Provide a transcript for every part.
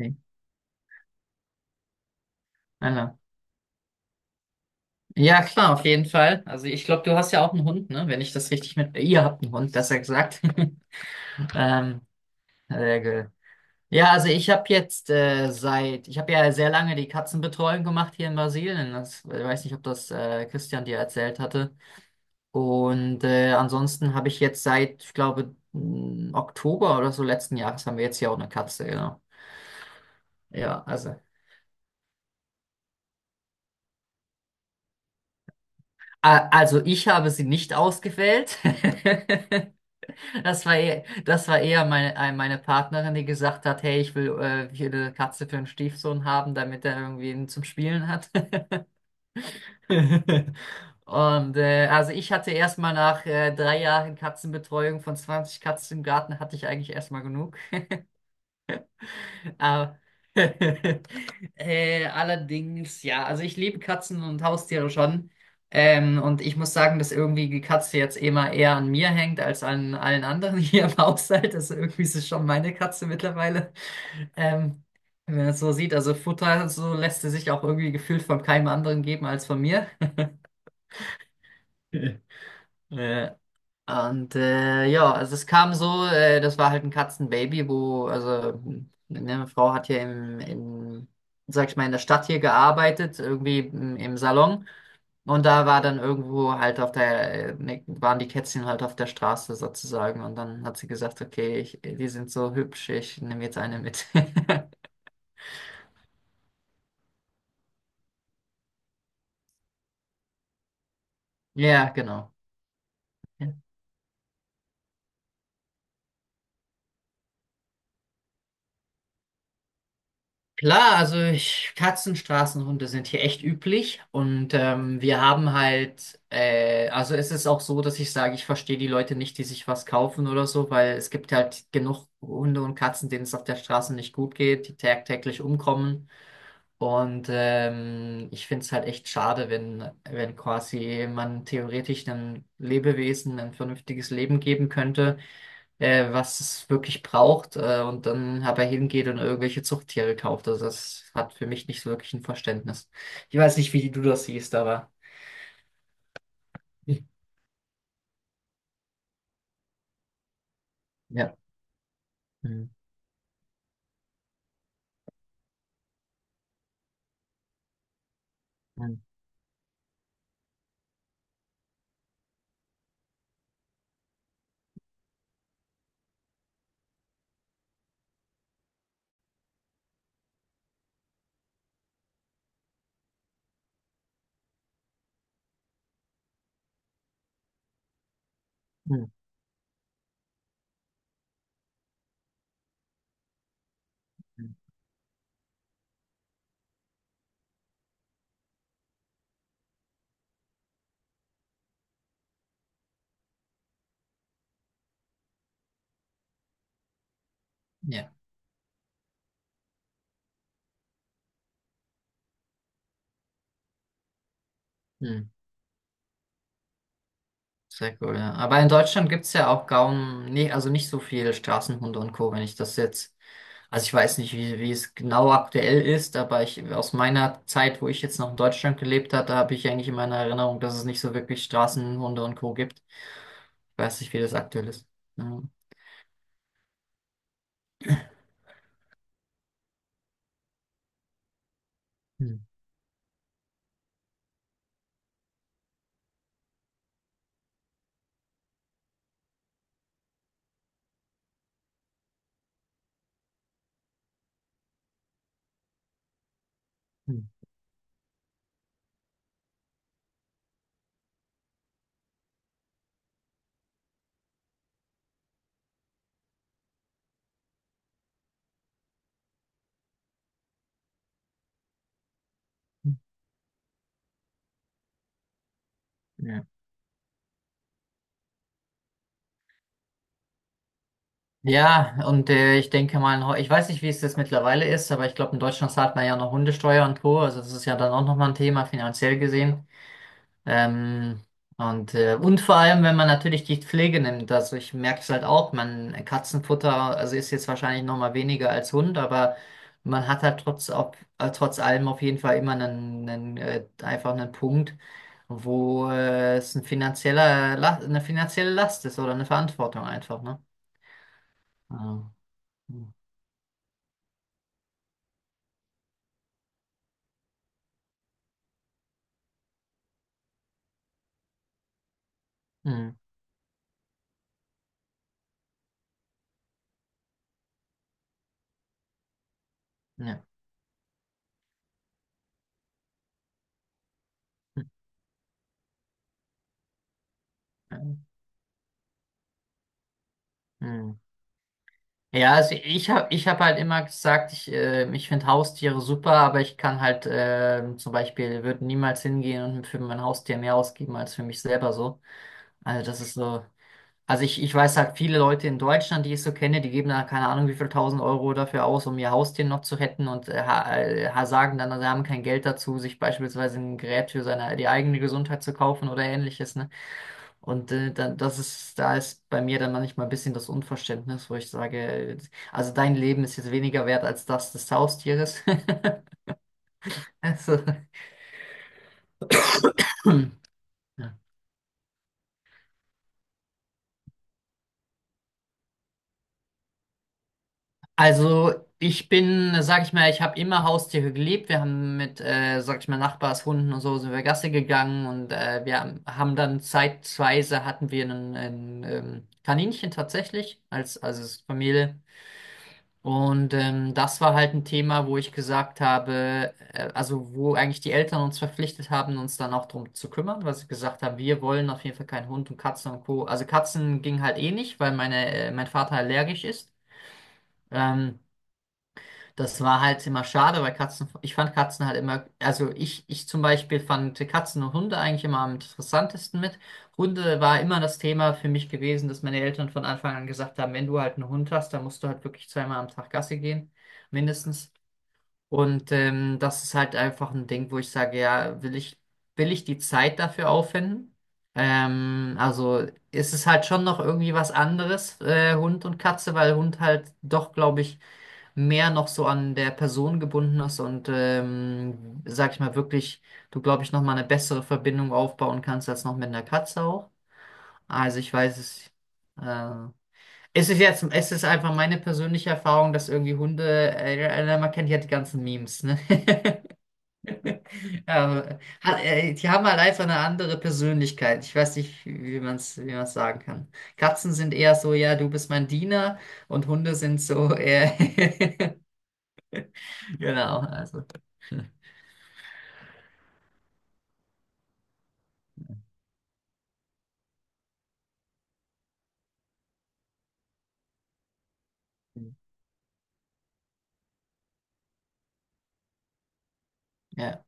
Okay. Anna. Ja, klar, auf jeden Fall. Also ich glaube, du hast ja auch einen Hund, ne? Wenn ich das richtig mit. Ihr habt einen Hund, besser gesagt. Ähm, Sehr gut. Ja, also ich habe jetzt seit. Ich habe ja sehr lange die Katzenbetreuung gemacht hier in Brasilien. Das, ich weiß nicht, ob das Christian dir erzählt hatte. Und ansonsten habe ich jetzt seit, ich glaube, Oktober oder so letzten Jahres haben wir jetzt hier auch eine Katze, genau. Ja, also ich habe sie nicht ausgewählt. Das war eher meine Partnerin, die gesagt hat, hey, ich will eine Katze für einen Stiefsohn haben, damit er irgendwie ihn zum Spielen hat. Und also ich hatte erstmal nach 3 Jahren Katzenbetreuung von 20 Katzen im Garten, hatte ich eigentlich erstmal genug. Aber allerdings, ja, also ich liebe Katzen und Haustiere schon. Und ich muss sagen, dass irgendwie die Katze jetzt immer eher an mir hängt als an allen anderen hier im Haushalt. Also irgendwie ist es schon meine Katze mittlerweile. Ähm, Wenn man es so sieht, also Futter, so lässt sie sich auch irgendwie gefühlt von keinem anderen geben als von mir. Äh, Und ja, also es kam so, das war halt ein Katzenbaby, wo, also ne, meine Frau hat hier sag ich mal, in der Stadt hier gearbeitet, irgendwie im Salon. Und da war dann irgendwo halt auf der, ne, waren die Kätzchen halt auf der Straße sozusagen. Und dann hat sie gesagt, okay, ich, die sind so hübsch, ich nehme jetzt eine mit. Ja, genau. Ja. Klar, also ich, Katzen, Straßenhunde sind hier echt üblich und wir haben halt, also es ist auch so, dass ich sage, ich verstehe die Leute nicht, die sich was kaufen oder so, weil es gibt halt genug Hunde und Katzen, denen es auf der Straße nicht gut geht, die tagtäglich umkommen und ich finde es halt echt schade, wenn quasi man theoretisch einem Lebewesen ein vernünftiges Leben geben könnte was es wirklich braucht, und dann aber hingeht und irgendwelche Zuchttiere kauft. Also das hat für mich nicht so wirklich ein Verständnis. Ich weiß nicht, wie du das siehst, aber ja. Hm, hm, hm, hm. Ja, hm. Sehr cool, ja. Aber in Deutschland gibt es ja auch kaum, nee, also nicht so viele Straßenhunde und Co., wenn ich das jetzt. Also ich weiß nicht, wie es genau aktuell ist, aber ich, aus meiner Zeit, wo ich jetzt noch in Deutschland gelebt hatte, habe ich eigentlich in meiner Erinnerung, dass es nicht so wirklich Straßenhunde und Co. gibt. Ich weiß nicht, wie das aktuell ist. Ja. Hm, hm, hm. Ja, ja, und ich denke mal, in ich weiß nicht, wie es jetzt mittlerweile ist, aber ich glaube, in Deutschland zahlt man ja noch Hundesteuer und Co. Also das ist ja dann auch nochmal ein Thema finanziell gesehen. Ähm, und, und vor allem, wenn man natürlich die Pflege nimmt, also ich merke es halt auch, man Katzenfutter, also ist jetzt wahrscheinlich noch mal weniger als Hund, aber man hat halt trotz allem auf jeden Fall immer einen, einfach einen Punkt, wo es eine finanzielle Last ist oder eine Verantwortung einfach, ne? Ja. Hm. Hm. Ja. Hm. Ja, also ich habe ich hab halt immer gesagt, ich, ich finde Haustiere super, aber ich kann halt zum Beispiel, würde niemals hingehen und für mein Haustier mehr ausgeben als für mich selber so. Also das ist so, also ich weiß halt viele Leute in Deutschland, die ich so kenne, die geben da keine Ahnung wie viel tausend Euro dafür aus, um ihr Haustier noch zu retten und sagen dann, sie haben kein Geld dazu, sich beispielsweise ein Gerät für seine, die eigene Gesundheit zu kaufen oder ähnliches, ne? Und dann, das ist, da ist bei mir dann manchmal ein bisschen das Unverständnis, wo ich sage, also dein Leben ist jetzt weniger wert als das des Haustieres. Also, ja. Also ich bin, sag ich mal, ich habe immer Haustiere geliebt. Wir haben mit, sag ich mal, Nachbarshunden und so sind wir Gassi gegangen und wir haben dann zeitweise hatten wir einen, Kaninchen tatsächlich als Familie. Und das war halt ein Thema, wo ich gesagt habe, also wo eigentlich die Eltern uns verpflichtet haben, uns dann auch drum zu kümmern, weil sie gesagt haben, wir wollen auf jeden Fall keinen Hund und Katzen und Co. Also Katzen ging halt eh nicht, weil meine, mein Vater allergisch ist. Ähm, Das war halt immer schade, weil Katzen, ich fand Katzen halt immer, also ich zum Beispiel fand Katzen und Hunde eigentlich immer am interessantesten mit. Hunde war immer das Thema für mich gewesen, dass meine Eltern von Anfang an gesagt haben, wenn du halt einen Hund hast, dann musst du halt wirklich zweimal am Tag Gassi gehen, mindestens. Und das ist halt einfach ein Ding, wo ich sage, ja, will ich die Zeit dafür aufwenden? Also ist es halt schon noch irgendwie was anderes, Hund und Katze, weil Hund halt doch, glaube ich, mehr noch so an der Person gebunden ist und, sag ich mal, wirklich, du, glaube ich, nochmal eine bessere Verbindung aufbauen kannst als noch mit einer Katze auch. Also ich weiß es, äh, es ist einfach meine persönliche Erfahrung, dass irgendwie Hunde, man kennt ja die ganzen Memes, ne? Aber, die haben halt einfach eine andere Persönlichkeit. Ich weiß nicht, wie man es sagen kann. Katzen sind eher so, ja, du bist mein Diener und Hunde sind so eher, genau, also, ja.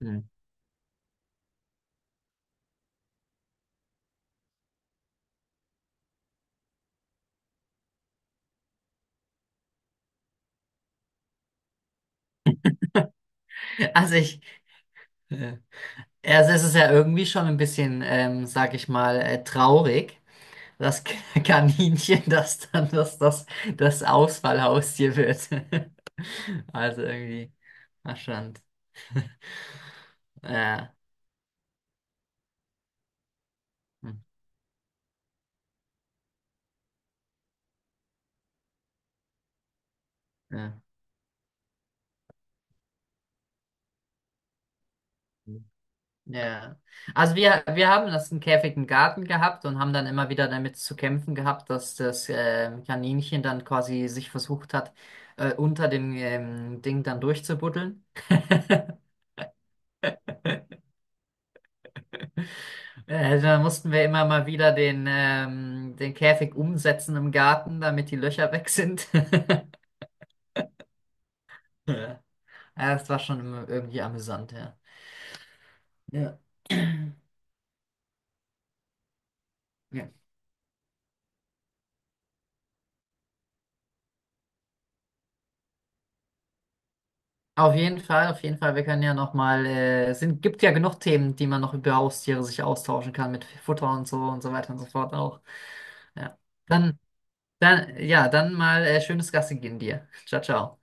Hm. Also ich, äh, also es ist ja irgendwie schon ein bisschen, sag ich mal, traurig, dass Kaninchen das dann, dass das Ausfallhaustier wird. Also irgendwie, ach schon. Ja. Hm. Ja. Ja. Also wir haben das einen Käfig im Garten gehabt und haben dann immer wieder damit zu kämpfen gehabt, dass das Kaninchen dann quasi sich versucht hat, unter dem Ding dann durchzubuddeln. Da mussten wir immer mal wieder den, den Käfig umsetzen im Garten, damit die Löcher weg sind. Ja, das war schon immer irgendwie amüsant, ja. Ja. Ja. Auf jeden Fall, auf jeden Fall. Wir können ja noch mal, es sind, gibt ja genug Themen, die man noch über Haustiere sich austauschen kann mit Futter und so weiter und so fort auch. Ja. Dann, ja, dann mal schönes Gassi gehen dir. Ciao, ciao.